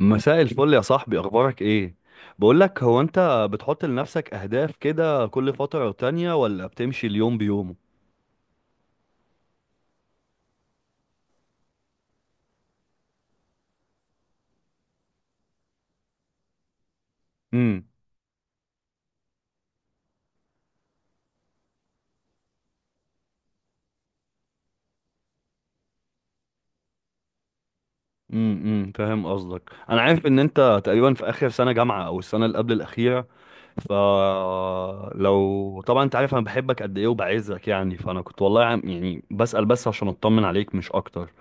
مساء الفل يا صاحبي، اخبارك ايه؟ بقول لك، هو انت بتحط لنفسك اهداف كده كل فترة تانية ولا بتمشي اليوم بيومه؟ امم فاهم قصدك. انا عارف ان انت تقريبا في اخر سنة جامعة او السنة اللي قبل الاخيرة. فلو طبعا انت عارف انا بحبك قد ايه وبعزك يعني، فانا كنت والله يعني بسأل بس عشان اطمن عليك مش اكتر.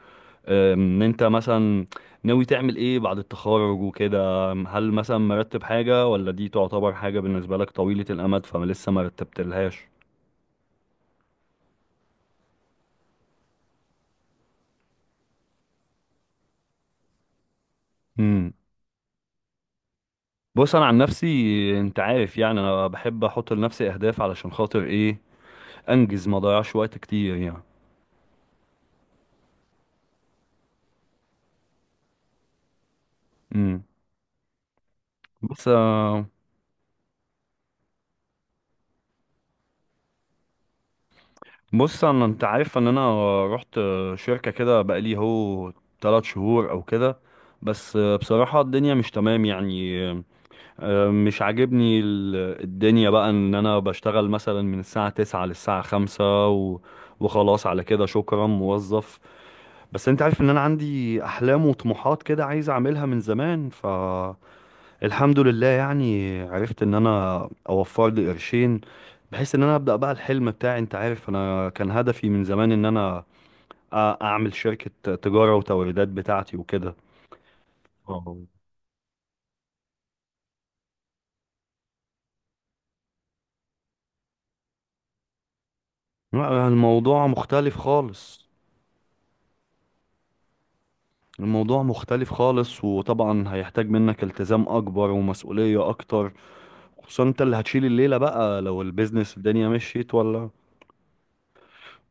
ان انت مثلا ناوي تعمل ايه بعد التخرج وكده؟ هل مثلا مرتب حاجة، ولا دي تعتبر حاجة بالنسبة لك طويلة الامد فما لسه ما رتبتلهاش؟ امم بص، انا عن نفسي انت عارف يعني انا بحب احط لنفسي اهداف علشان خاطر ايه؟ انجز ما اضيعش وقت كتير يعني. امم بص، بص، انا انت عارف ان انا رحت شركة كده بقالي 3 شهور او كده، بس بصراحة الدنيا مش تمام يعني. مش عاجبني الدنيا بقى. ان انا بشتغل مثلا من الساعة 9 للساعة 5 وخلاص، على كده شكرا موظف. بس انت عارف ان انا عندي احلام وطموحات كده عايز اعملها من زمان، فالحمد لله يعني عرفت ان انا اوفر لي قرشين بحيث ان انا ابدأ بقى الحلم بتاعي. انت عارف انا كان هدفي من زمان ان انا اعمل شركة تجارة وتوريدات بتاعتي وكده. اه، لا، الموضوع مختلف خالص. الموضوع مختلف خالص، وطبعا هيحتاج منك التزام اكبر ومسؤولية اكتر. خصوصا انت اللي هتشيل الليلة بقى لو البيزنس الدنيا مشيت ولا.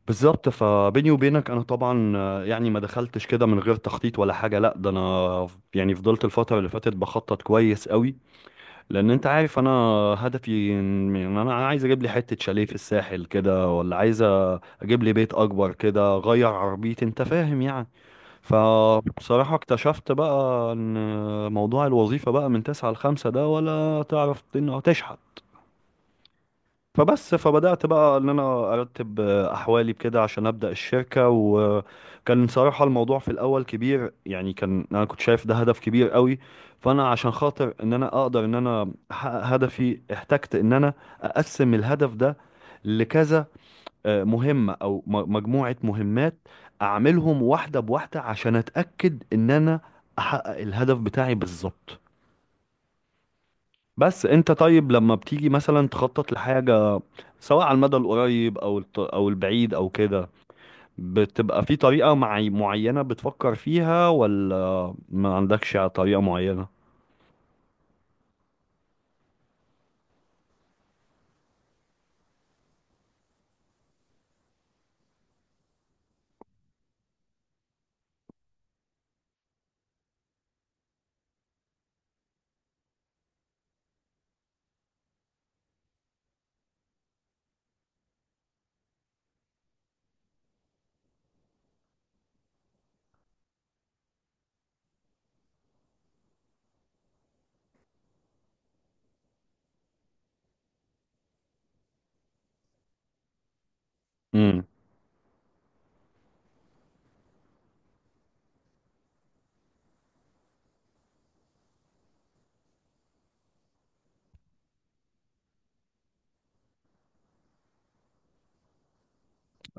بالظبط. فبيني وبينك، انا طبعا يعني ما دخلتش كده من غير تخطيط ولا حاجة، لا ده انا يعني فضلت الفترة اللي فاتت بخطط كويس قوي. لان انت عارف انا هدفي إن انا عايز اجيب لي حتة شاليه في الساحل كده، ولا عايز اجيب لي بيت اكبر كده، اغير عربيتي. انت فاهم يعني. فبصراحة اكتشفت بقى ان موضوع الوظيفة بقى من 9 ل5 ده ولا تعرف انه تشحن. فبدأت بقى ان انا ارتب احوالي بكده عشان ابدأ الشركة. وكان صراحة الموضوع في الاول كبير يعني، كان انا كنت شايف ده هدف كبير قوي. فانا عشان خاطر ان انا اقدر ان انا احقق هدفي، احتجت ان انا اقسم الهدف ده لكذا مهمة أو مجموعة مهمات، أعملهم واحدة بواحدة عشان أتأكد إن أنا أحقق الهدف بتاعي بالظبط. بس أنت طيب لما بتيجي مثلا تخطط لحاجة، سواء على المدى القريب أو أو البعيد أو كده، بتبقى في طريقة معينة بتفكر فيها ولا ما عندكش طريقة معينة؟ امم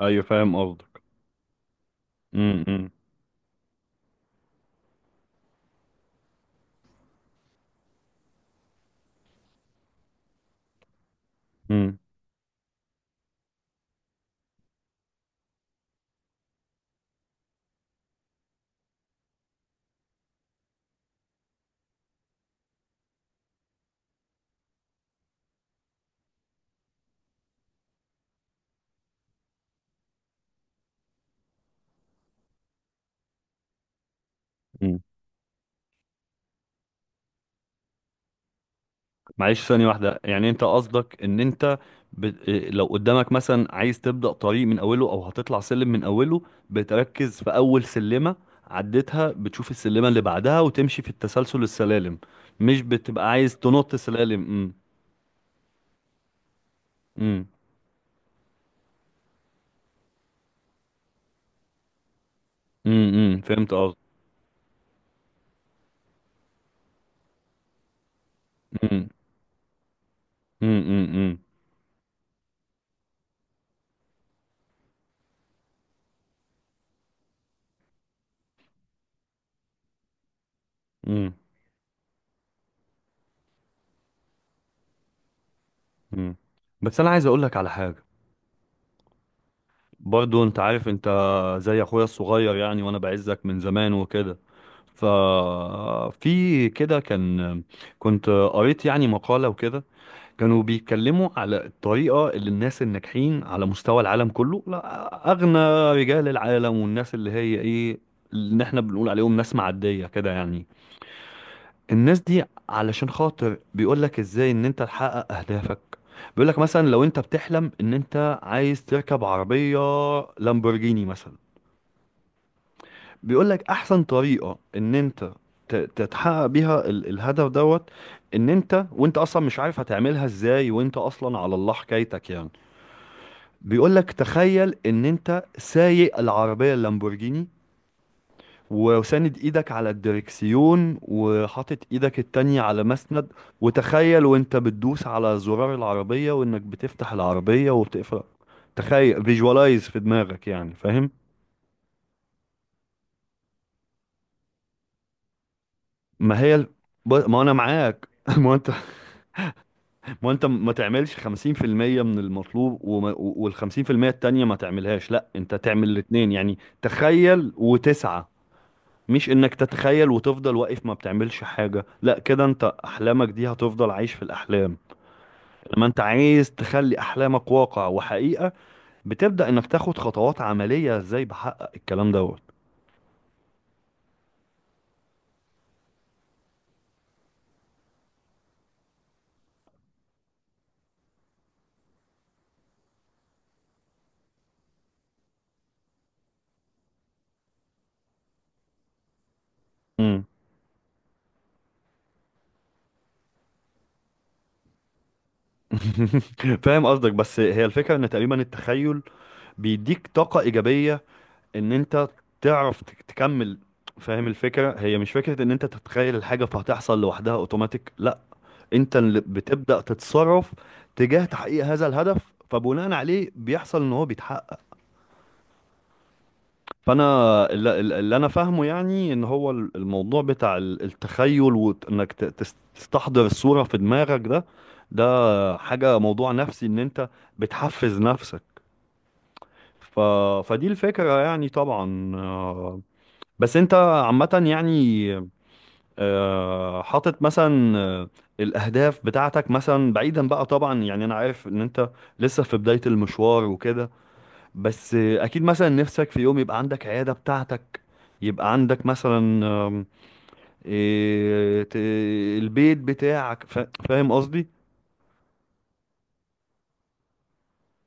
أيوة، فاهم قصدك. امم امم معلش ثانية واحدة، يعني انت قصدك ان انت ب... إيه، لو قدامك مثلا عايز تبدأ طريق من اوله او هتطلع سلم من اوله، بتركز في اول سلمة. عديتها، بتشوف السلمة اللي بعدها وتمشي في التسلسل السلالم، مش بتبقى عايز تنط سلالم. امم فهمت قصدك. امم امم امم امم بس انا عايز اقول لك على حاجة. برضو انت عارف، انت زي اخويا الصغير يعني، وانا بعزك من زمان وكده. ففي كده كنت قريت يعني مقالة وكده. كانوا بيتكلموا على الطريقة اللي الناس الناجحين على مستوى العالم كله، لا أغنى رجال العالم، والناس اللي هي ايه، اللي احنا بنقول عليهم ناس معدية كده يعني، الناس دي. علشان خاطر بيقولك ازاي ان انت تحقق اهدافك. بيقولك مثلا لو انت بتحلم ان انت عايز تركب عربية لامبورجيني مثلا، بيقولك احسن طريقة ان انت تتحقق بيها الهدف دوت. ان انت وانت اصلا مش عارف هتعملها ازاي وانت اصلا على الله حكايتك يعني، بيقولك تخيل ان انت سايق العربية اللامبورجيني وساند ايدك على الدركسيون وحاطط ايدك التانية على مسند، وتخيل وانت بتدوس على زرار العربية وانك بتفتح العربية وبتقفل. تخيل، فيجوالايز في دماغك. يعني فاهم. ما هي ال... ما انا معاك. ما انت ما انت ما تعملش 50% من المطلوب وال 50% التانية ما تعملهاش. لا، انت تعمل الاتنين يعني، تخيل وتسعى. مش انك تتخيل وتفضل واقف ما بتعملش حاجة. لا كده انت احلامك دي هتفضل عايش في الاحلام. لما انت عايز تخلي احلامك واقع وحقيقة، بتبدأ انك تاخد خطوات عملية، ازاي بحقق الكلام دوت. مم. فاهم قصدك. بس هي الفكرة ان تقريبا التخيل بيديك طاقة ايجابية ان انت تعرف تكمل. فاهم الفكرة. هي مش فكرة ان انت تتخيل الحاجة فهتحصل لوحدها اوتوماتيك، لا. انت اللي بتبدأ تتصرف تجاه تحقيق هذا الهدف، فبناء عليه بيحصل ان هو بيتحقق. فانا اللي انا فاهمه يعني، ان هو الموضوع بتاع التخيل وانك تستحضر الصورة في دماغك ده، ده حاجة موضوع نفسي ان انت بتحفز نفسك. ف... فدي الفكرة يعني طبعا. بس انت عامة يعني حاطط مثلا الاهداف بتاعتك مثلا بعيدا بقى طبعا. يعني انا عارف ان انت لسه في بداية المشوار وكده، بس اكيد مثلا نفسك في يوم يبقى عندك عيادة بتاعتك، يبقى عندك مثلا آم، إيه، ت- البيت بتاعك. فاهم قصدي.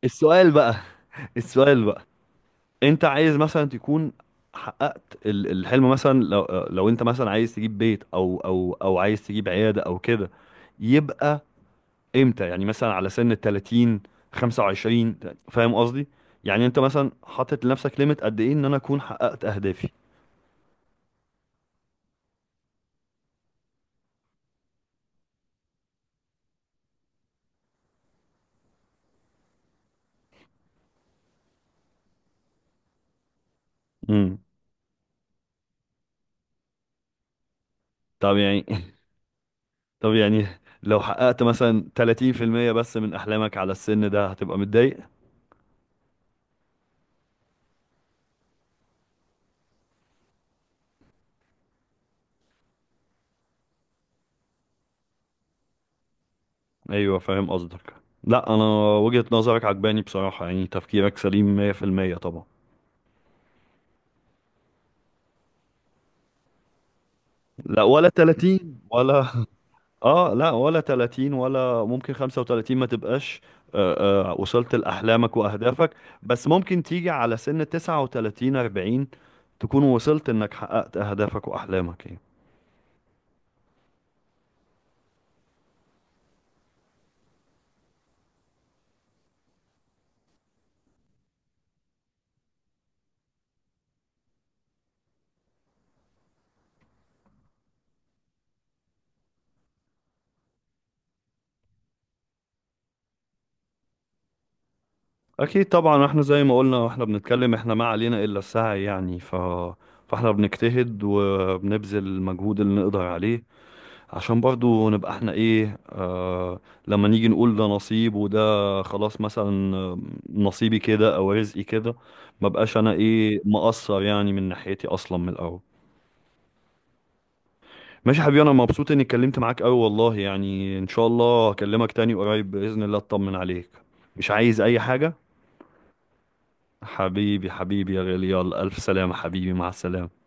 السؤال بقى. السؤال بقى، انت عايز مثلا تكون حققت الحلم، مثلا لو انت مثلا عايز تجيب بيت او عايز تجيب عيادة او كده، يبقى امتى؟ يعني مثلا على سن ال 30، 25؟ فاهم قصدي، يعني انت مثلا حاطط لنفسك ليميت قد ايه ان انا اكون حققت اهدافي. امم طب يعني. طب يعني لو حققت مثلا 30% بس من أحلامك على السن ده، هتبقى متضايق؟ أيوه، فاهم قصدك. لا، أنا وجهة نظرك عجباني بصراحة، يعني تفكيرك سليم 100% طبعا. لا ولا 30 ولا. لا ولا 30 ولا ممكن 35 ما تبقاش وصلت لأحلامك وأهدافك. بس ممكن تيجي على سن 39، 40، تكون وصلت إنك حققت أهدافك وأحلامك يعني. اكيد طبعا، احنا زي ما قلنا واحنا بنتكلم، احنا ما علينا الا السعي يعني. فاحنا بنجتهد وبنبذل المجهود اللي نقدر عليه عشان برضو نبقى احنا ايه، لما نيجي نقول ده نصيب وده خلاص، مثلا نصيبي كده او رزقي كده. ما بقاش انا ايه مقصر يعني من ناحيتي اصلا من الاول. ماشي يا حبيبي، انا مبسوط اني اتكلمت معاك قوي والله يعني، ان شاء الله هكلمك تاني قريب باذن الله اطمن عليك. مش عايز اي حاجة. حبيبي حبيبي يا غالي، يلا ألف سلامة حبيبي، مع السلامة.